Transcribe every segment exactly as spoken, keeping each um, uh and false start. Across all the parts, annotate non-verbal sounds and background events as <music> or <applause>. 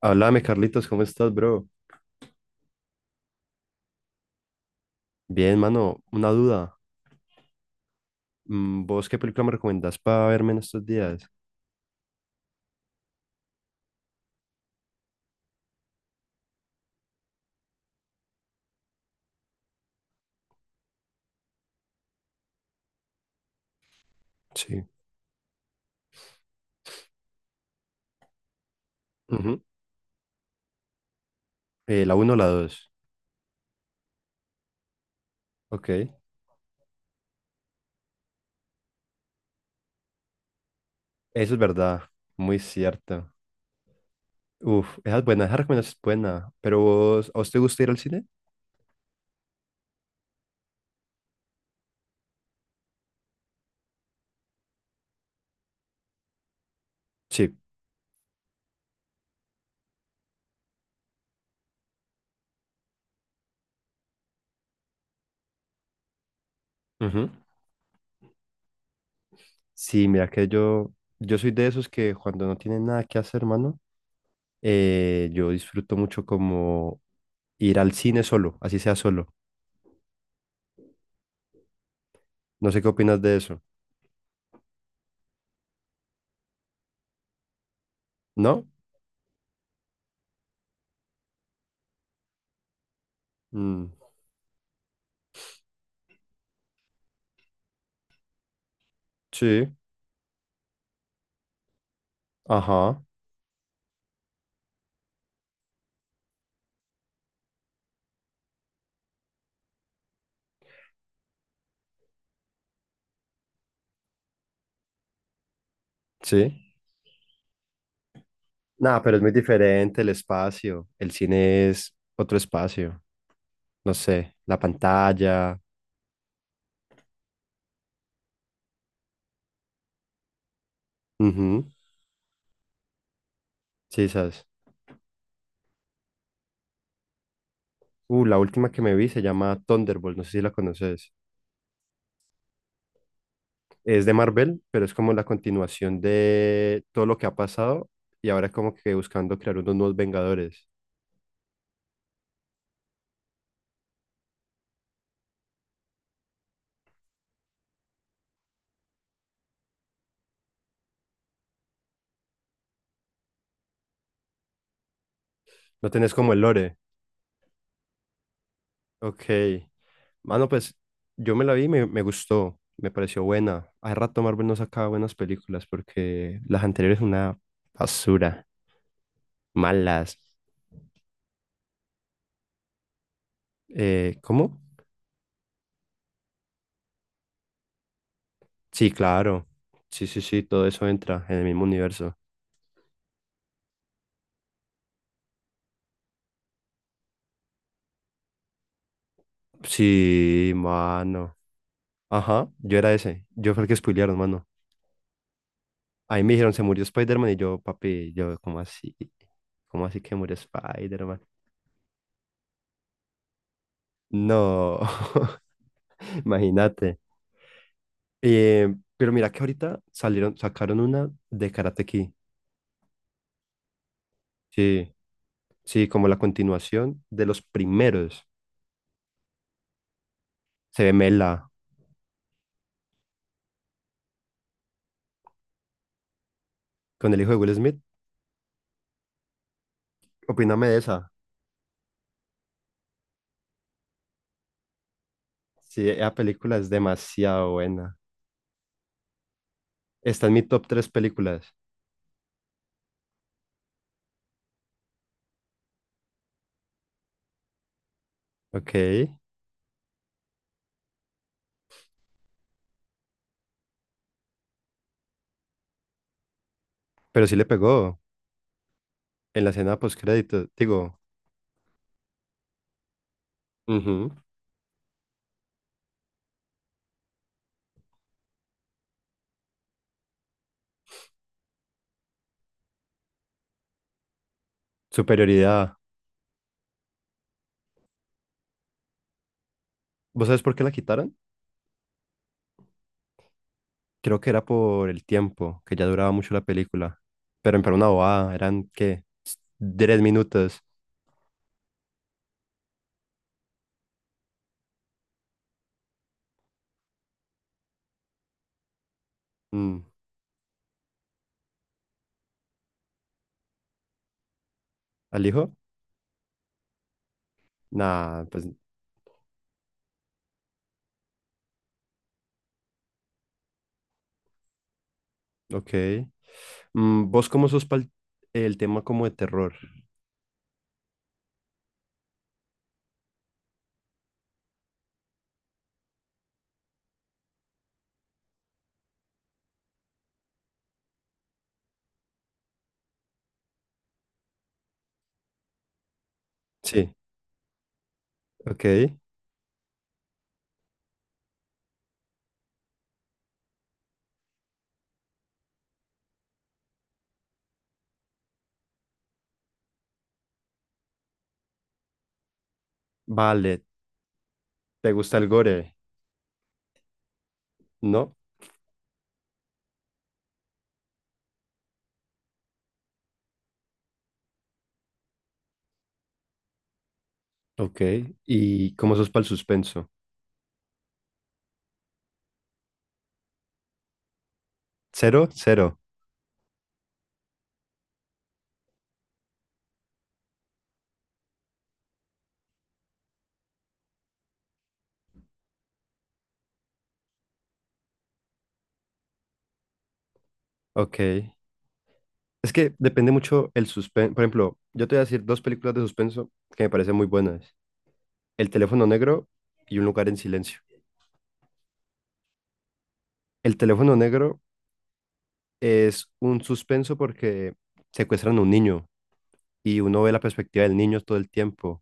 Háblame, Carlitos, ¿cómo estás, bro? Bien, mano, una duda. Mm, ¿Vos qué película me recomendás para verme en estos días? Sí. Ujú. Eh, la uno o la dos. Ok. Eso es verdad, muy cierto. Uf, esa es buena, esa recomendación es buena. Pero vos, ¿a vos te gusta ir al cine? Sí. Ujú. Sí, mira que yo, yo soy de esos que cuando no tienen nada que hacer, mano, eh, yo disfruto mucho como ir al cine solo, así sea solo. No sé qué opinas de eso, ¿no? Mm, sí, ajá. Sí. Nada, pero es muy diferente el espacio. El cine es otro espacio. No sé, la pantalla. Ujú. Sí, sabes. Uh, la última que me vi se llama Thunderbolt. No sé si la conoces. Es de Marvel, pero es como la continuación de todo lo que ha pasado y ahora es como que buscando crear unos nuevos Vengadores. No tenés como el lore. Ok. Mano, pues yo me la vi y me, me gustó. Me pareció buena. Hace rato Marvel no sacaba buenas películas porque las anteriores una basura, malas. Eh, ¿cómo? Sí, claro. Sí, sí, sí, todo eso entra en el mismo universo. Sí, mano. Ajá, yo era ese. Yo fue el que spoilearon, mano. Ahí me dijeron, se murió Spider-Man y yo, papi, yo, ¿cómo así? ¿Cómo así que murió Spider-Man? No, <laughs> imagínate. Eh, pero mira que ahorita salieron, sacaron una de Karate Kid. Sí, sí, como la continuación de los primeros. Se ve mela con el hijo de Will Smith. Opíname de esa. Sí, la película es demasiado buena. Está en mi top tres películas. Ok. Pero sí le pegó en la escena postcrédito. Digo, ujú, superioridad. ¿Vos sabés por qué la quitaron? Creo que era por el tiempo, que ya duraba mucho la película. Pero en una bobada, eran, ¿qué? Tres minutos. Mm, ¿al hijo? Nah, pues, ok. Mm, ¿vos cómo sos para el tema como de terror? Sí, ok. Vale, ¿te gusta el gore? ¿No? Ok, ¿y cómo sos para el suspenso? ¿Cero? Cero. Ok. Es que depende mucho el suspenso. Por ejemplo, yo te voy a decir dos películas de suspenso que me parecen muy buenas. El teléfono negro y Un lugar en silencio. El teléfono negro es un suspenso porque secuestran a un niño y uno ve la perspectiva del niño todo el tiempo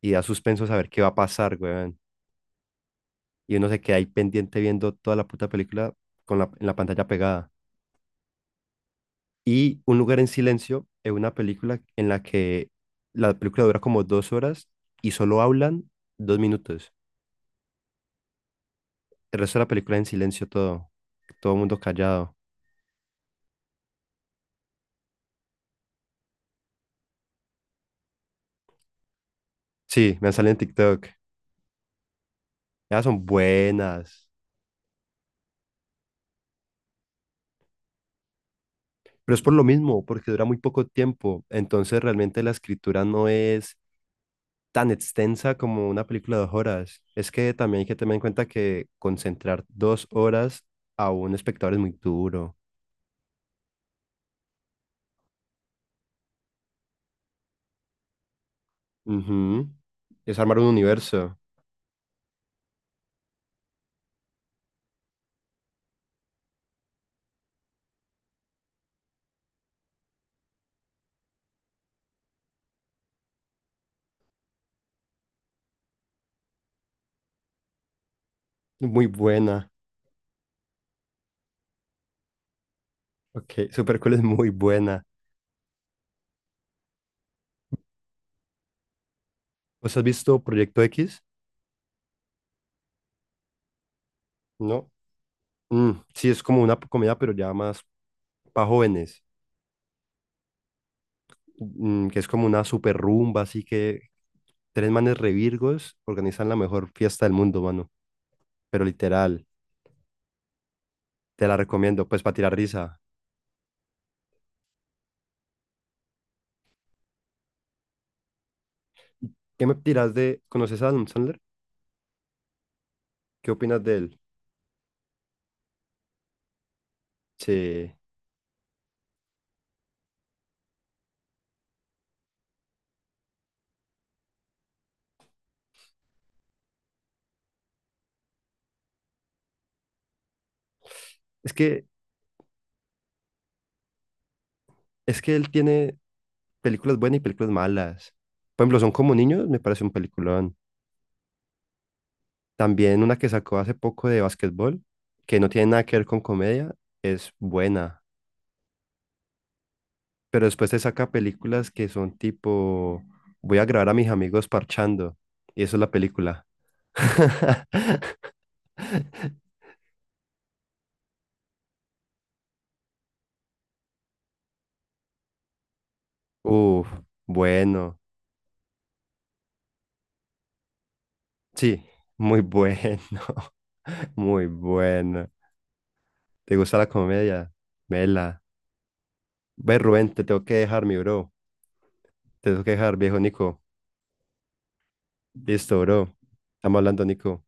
y da suspenso saber qué va a pasar, weón. Y uno se queda ahí pendiente viendo toda la puta película con la, en la pantalla pegada. Y Un lugar en silencio es una película en la que la película dura como dos horas y solo hablan dos minutos. El resto de la película en silencio todo, todo el mundo callado. Sí, me han salido en TikTok. Ellas son buenas, pero es por lo mismo, porque dura muy poco tiempo. Entonces realmente la escritura no es tan extensa como una película de dos horas. Es que también hay que tener en cuenta que concentrar dos horas a un espectador es muy duro. Ujú. Es armar un universo. Muy buena. Ok, Supercool es muy buena. ¿Vos has visto Proyecto X? No. Mm, sí, es como una comedia, pero ya más para jóvenes. Mm, que es como una super rumba, así que tres manes revirgos organizan la mejor fiesta del mundo, mano. Pero literal, te la recomiendo, pues para tirar risa. ¿Qué me tiras de... ¿Conoces a Adam Sandler? ¿Qué opinas de él? Sí. Es que, es que él tiene películas buenas y películas malas. Por ejemplo, Son como niños, me parece un película. También una que sacó hace poco de básquetbol, que no tiene nada que ver con comedia, es buena. Pero después te saca películas que son tipo, voy a grabar a mis amigos parchando. Y eso es la película. <laughs> Uf, bueno. Sí, muy bueno. <laughs> Muy bueno. ¿Te gusta la comedia? Vela. Ve, Rubén, te tengo que dejar, mi bro. Te tengo que dejar, viejo Nico. Listo, bro. Estamos hablando, Nico.